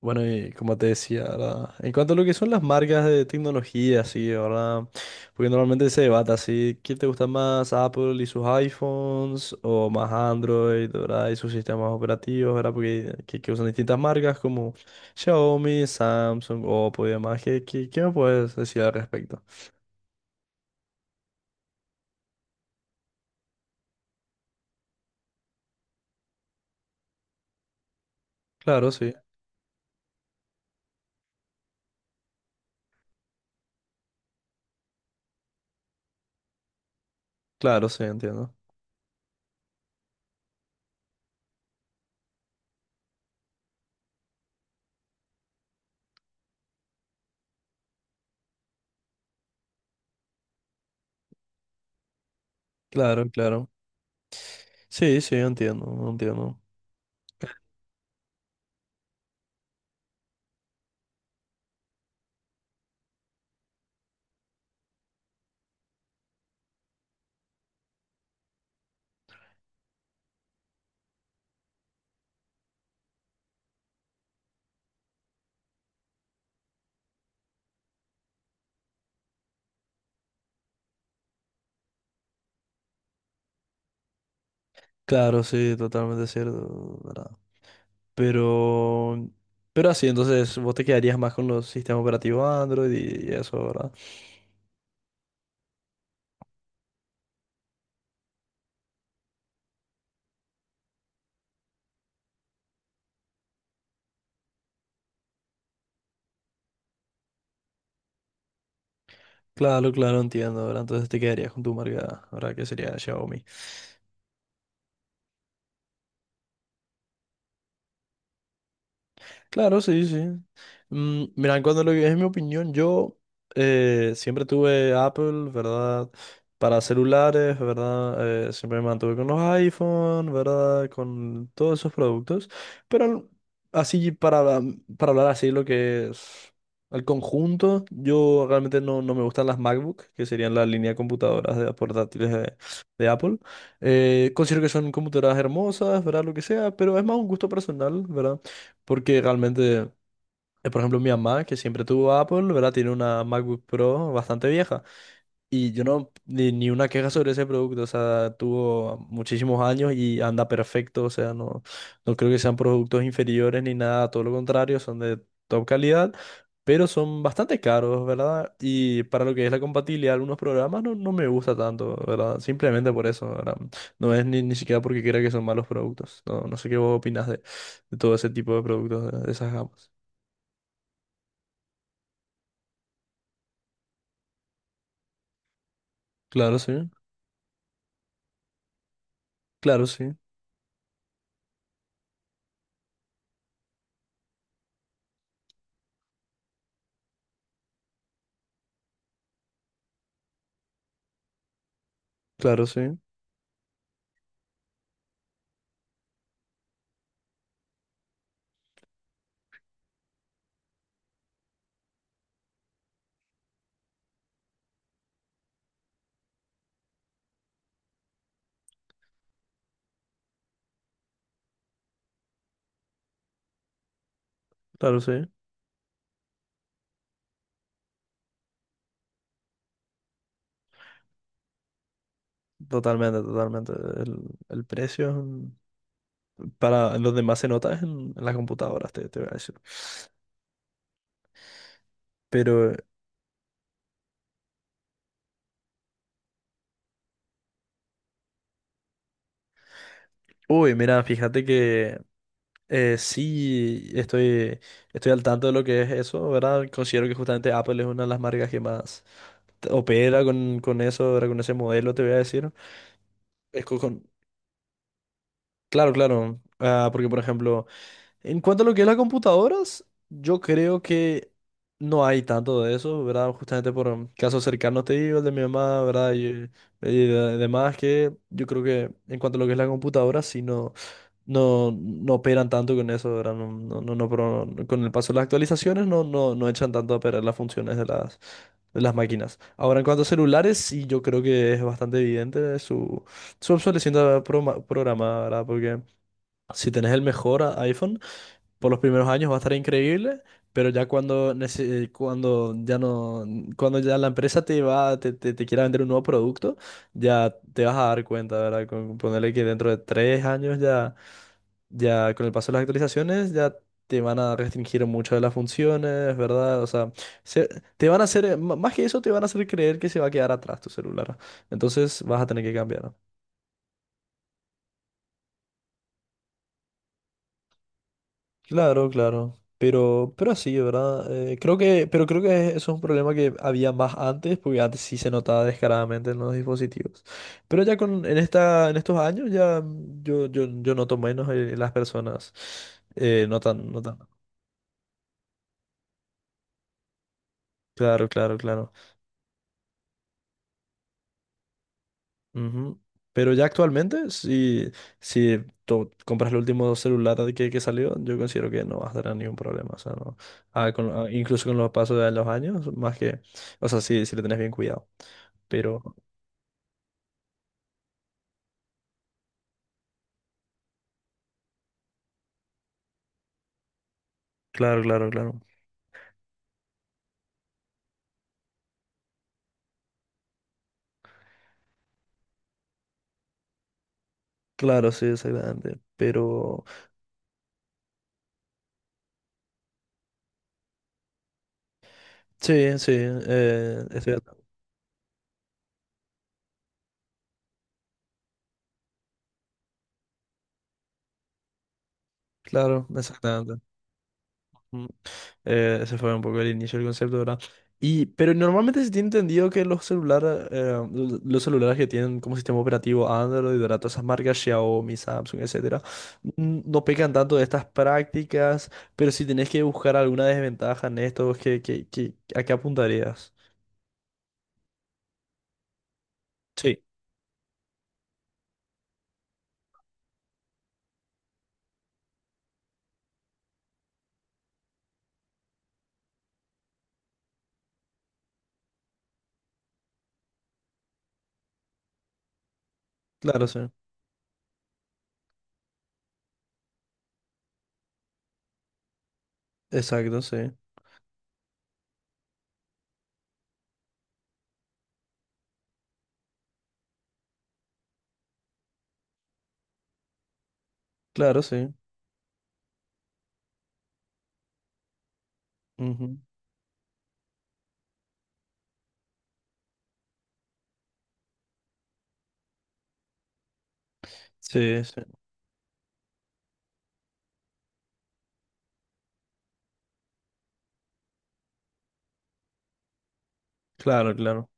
Bueno, y como te decía, ¿verdad? En cuanto a lo que son las marcas de tecnología, sí, ¿verdad? Porque normalmente se debate así, ¿quién te gusta más, Apple y sus iPhones o más Android, ¿verdad? Y sus sistemas operativos, ¿verdad? Porque que usan distintas marcas como Xiaomi, Samsung, Oppo y demás. ¿Qué me puedes decir al respecto? Claro, sí, claro, sí, entiendo. Claro, claro. Sí, sí, entiendo, entiendo. Claro, sí, totalmente cierto, ¿verdad? Pero, pero así, entonces vos te quedarías más con los sistemas operativos Android y eso, ¿verdad? Claro, claro, entiendo, ¿verdad? Entonces te quedarías con tu marca, ¿verdad? Que sería Xiaomi. Claro, sí, sí. Mm, mira, en cuanto a lo que es mi opinión, yo siempre tuve Apple, ¿verdad? Para celulares, ¿verdad? Siempre me mantuve con los iPhone, ¿verdad? Con todos esos productos. Pero así, para hablar así, lo que es el conjunto, yo realmente no, no me gustan las MacBook, que serían la línea de computadoras de portátiles de Apple. Considero que son computadoras hermosas, ¿verdad? Lo que sea, pero es más un gusto personal, ¿verdad? Porque realmente, por ejemplo, mi mamá, que siempre tuvo Apple, ¿verdad? Tiene una MacBook Pro bastante vieja. Y yo no, ni, ni una queja sobre ese producto, o sea, tuvo muchísimos años y anda perfecto, o sea, no, no creo que sean productos inferiores ni nada, todo lo contrario, son de top calidad, pero son bastante caros, ¿verdad? Y para lo que es la compatibilidad de algunos programas no, no me gusta tanto, ¿verdad? Simplemente por eso, ¿verdad? No es ni, ni siquiera porque crea que son malos productos, no, no sé qué vos opinás de todo ese tipo de productos, de esas gamas. Claro, sí, claro, sí, claro, sí, claro, sí. Totalmente, totalmente. El precio es un- para los demás se nota es en las computadoras, te voy a decir. Pero, uy, mira, fíjate que sí estoy, estoy al tanto de lo que es eso, ¿verdad? Considero que justamente Apple es una de las marcas que más t- opera con eso, ¿verdad? Con ese modelo, te voy a decir. Es co- con- claro, claro. Ah, porque, por ejemplo, en cuanto a lo que es las computadoras, yo creo que no hay tanto de eso, ¿verdad? Justamente por casos cercanos te digo, el de mi mamá, ¿verdad? Y de- demás, que yo creo que en cuanto a lo que es la computadora, sí no, no, no operan tanto con eso, ¿verdad? No, no, no, no, pro- no- con el paso de las actualizaciones no, no, no echan tanto a perder las funciones de las máquinas. Ahora, en cuanto a celulares, sí yo creo que es bastante evidente su, su obsolescencia programa- programada, ¿verdad? Porque si tenés el mejor a- iPhone, por los primeros años va a estar increíble, pero ya cuando, nece- cuando ya no, cuando ya la empresa te va, te quiera vender un nuevo producto, ya te vas a dar cuenta, ¿verdad? Con ponerle que dentro de tres años ya, ya con el paso de las actualizaciones, ya te van a restringir mucho de las funciones, ¿verdad? O sea, se- te van a hacer, m- más que eso, te van a hacer creer que se va a quedar atrás tu celular. Entonces vas a tener que cambiar. Claro, claro. Pero así ¿verdad? Creo que, pero creo que eso es un problema que había más antes, porque antes sí se notaba descaradamente en los dispositivos. Pero ya con, en esta, en estos años ya yo, yo, yo noto menos en las personas. Notan, notan. Claro, claro, claro. Ujú. Pero ya actualmente, si, si tú compras el último celular que salió, yo considero que no vas a tener ningún problema. O sea, no. Ah, con- ah, incluso con los pasos de los años, más que, o sea, si si le tenés bien cuidado. Pero, claro, claro, claro. Claro, sí, exactamente. Pero, sí, sí, estoy de acuerdo. Claro, exactamente. Mm. Ese fue un poco el inicio del concepto, ¿verdad? Y, pero normalmente se tiene entendido que los celulares que tienen como sistema operativo Android, ¿verdad? Todas esas marcas, Xiaomi, Samsung, etcétera, n- no pecan tanto de estas prácticas, pero si tenés que buscar alguna desventaja en esto, ¿qué a qué apuntarías? Sí, claro, sí. Exacto, sí. Claro, sí. Ujú. Sí, sí, claro, claro.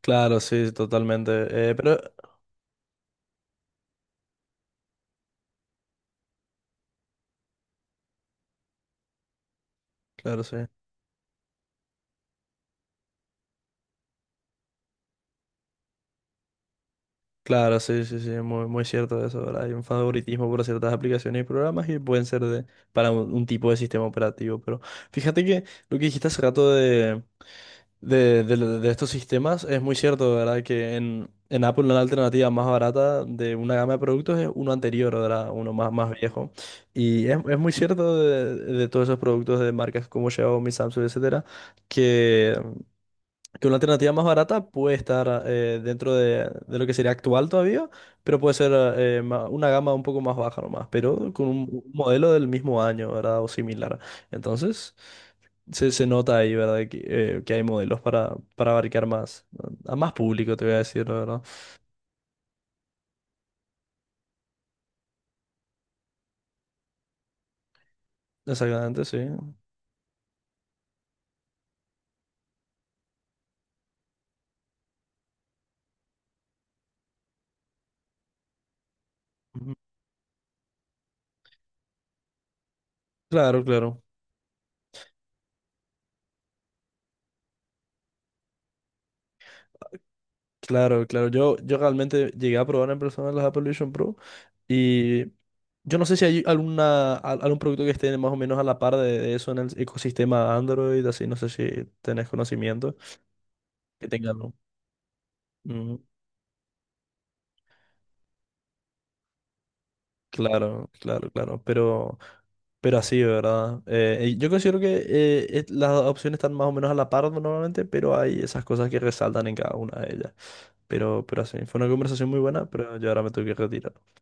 Claro, sí, totalmente. Pero, claro, sí. Claro, sí, sí, sí, muy, muy cierto eso, ¿verdad? Hay un favoritismo por ciertas aplicaciones y programas y pueden ser de, para un tipo de sistema operativo. Pero fíjate que lo que dijiste hace rato de de lo- de estos sistemas, es muy cierto, ¿verdad? Que en Apple una alternativa más barata de una gama de productos es uno anterior, ¿verdad? Uno más, más viejo. Y es muy cierto de todos esos productos de marcas como Xiaomi, Samsung, etcétera, que que una alternativa más barata puede estar dentro de lo que sería actual todavía, pero puede ser ma- una gama un poco más baja nomás, pero con un modelo del mismo año, ¿verdad? O similar. Entonces, se nota ahí, ¿verdad? Que hay modelos para abarcar más, a más público, te voy a decir, la verdad. Exactamente, sí. Ujú. Claro, claro. Claro, claro. Yo realmente llegué a probar en persona las Apple Vision Pro. Y yo no sé si hay alguna, al- algún producto que esté más o menos a la par de eso en el ecosistema Android, así, no sé si tenés conocimiento, que tengan, ¿no? Mm, claro, claro, claro, pero así, ¿verdad? Y yo considero que es- las opciones están más o menos a la par normalmente, pero hay esas cosas que resaltan en cada una de ellas. Pero así, fue una conversación muy buena, pero yo ahora me tengo que retirar.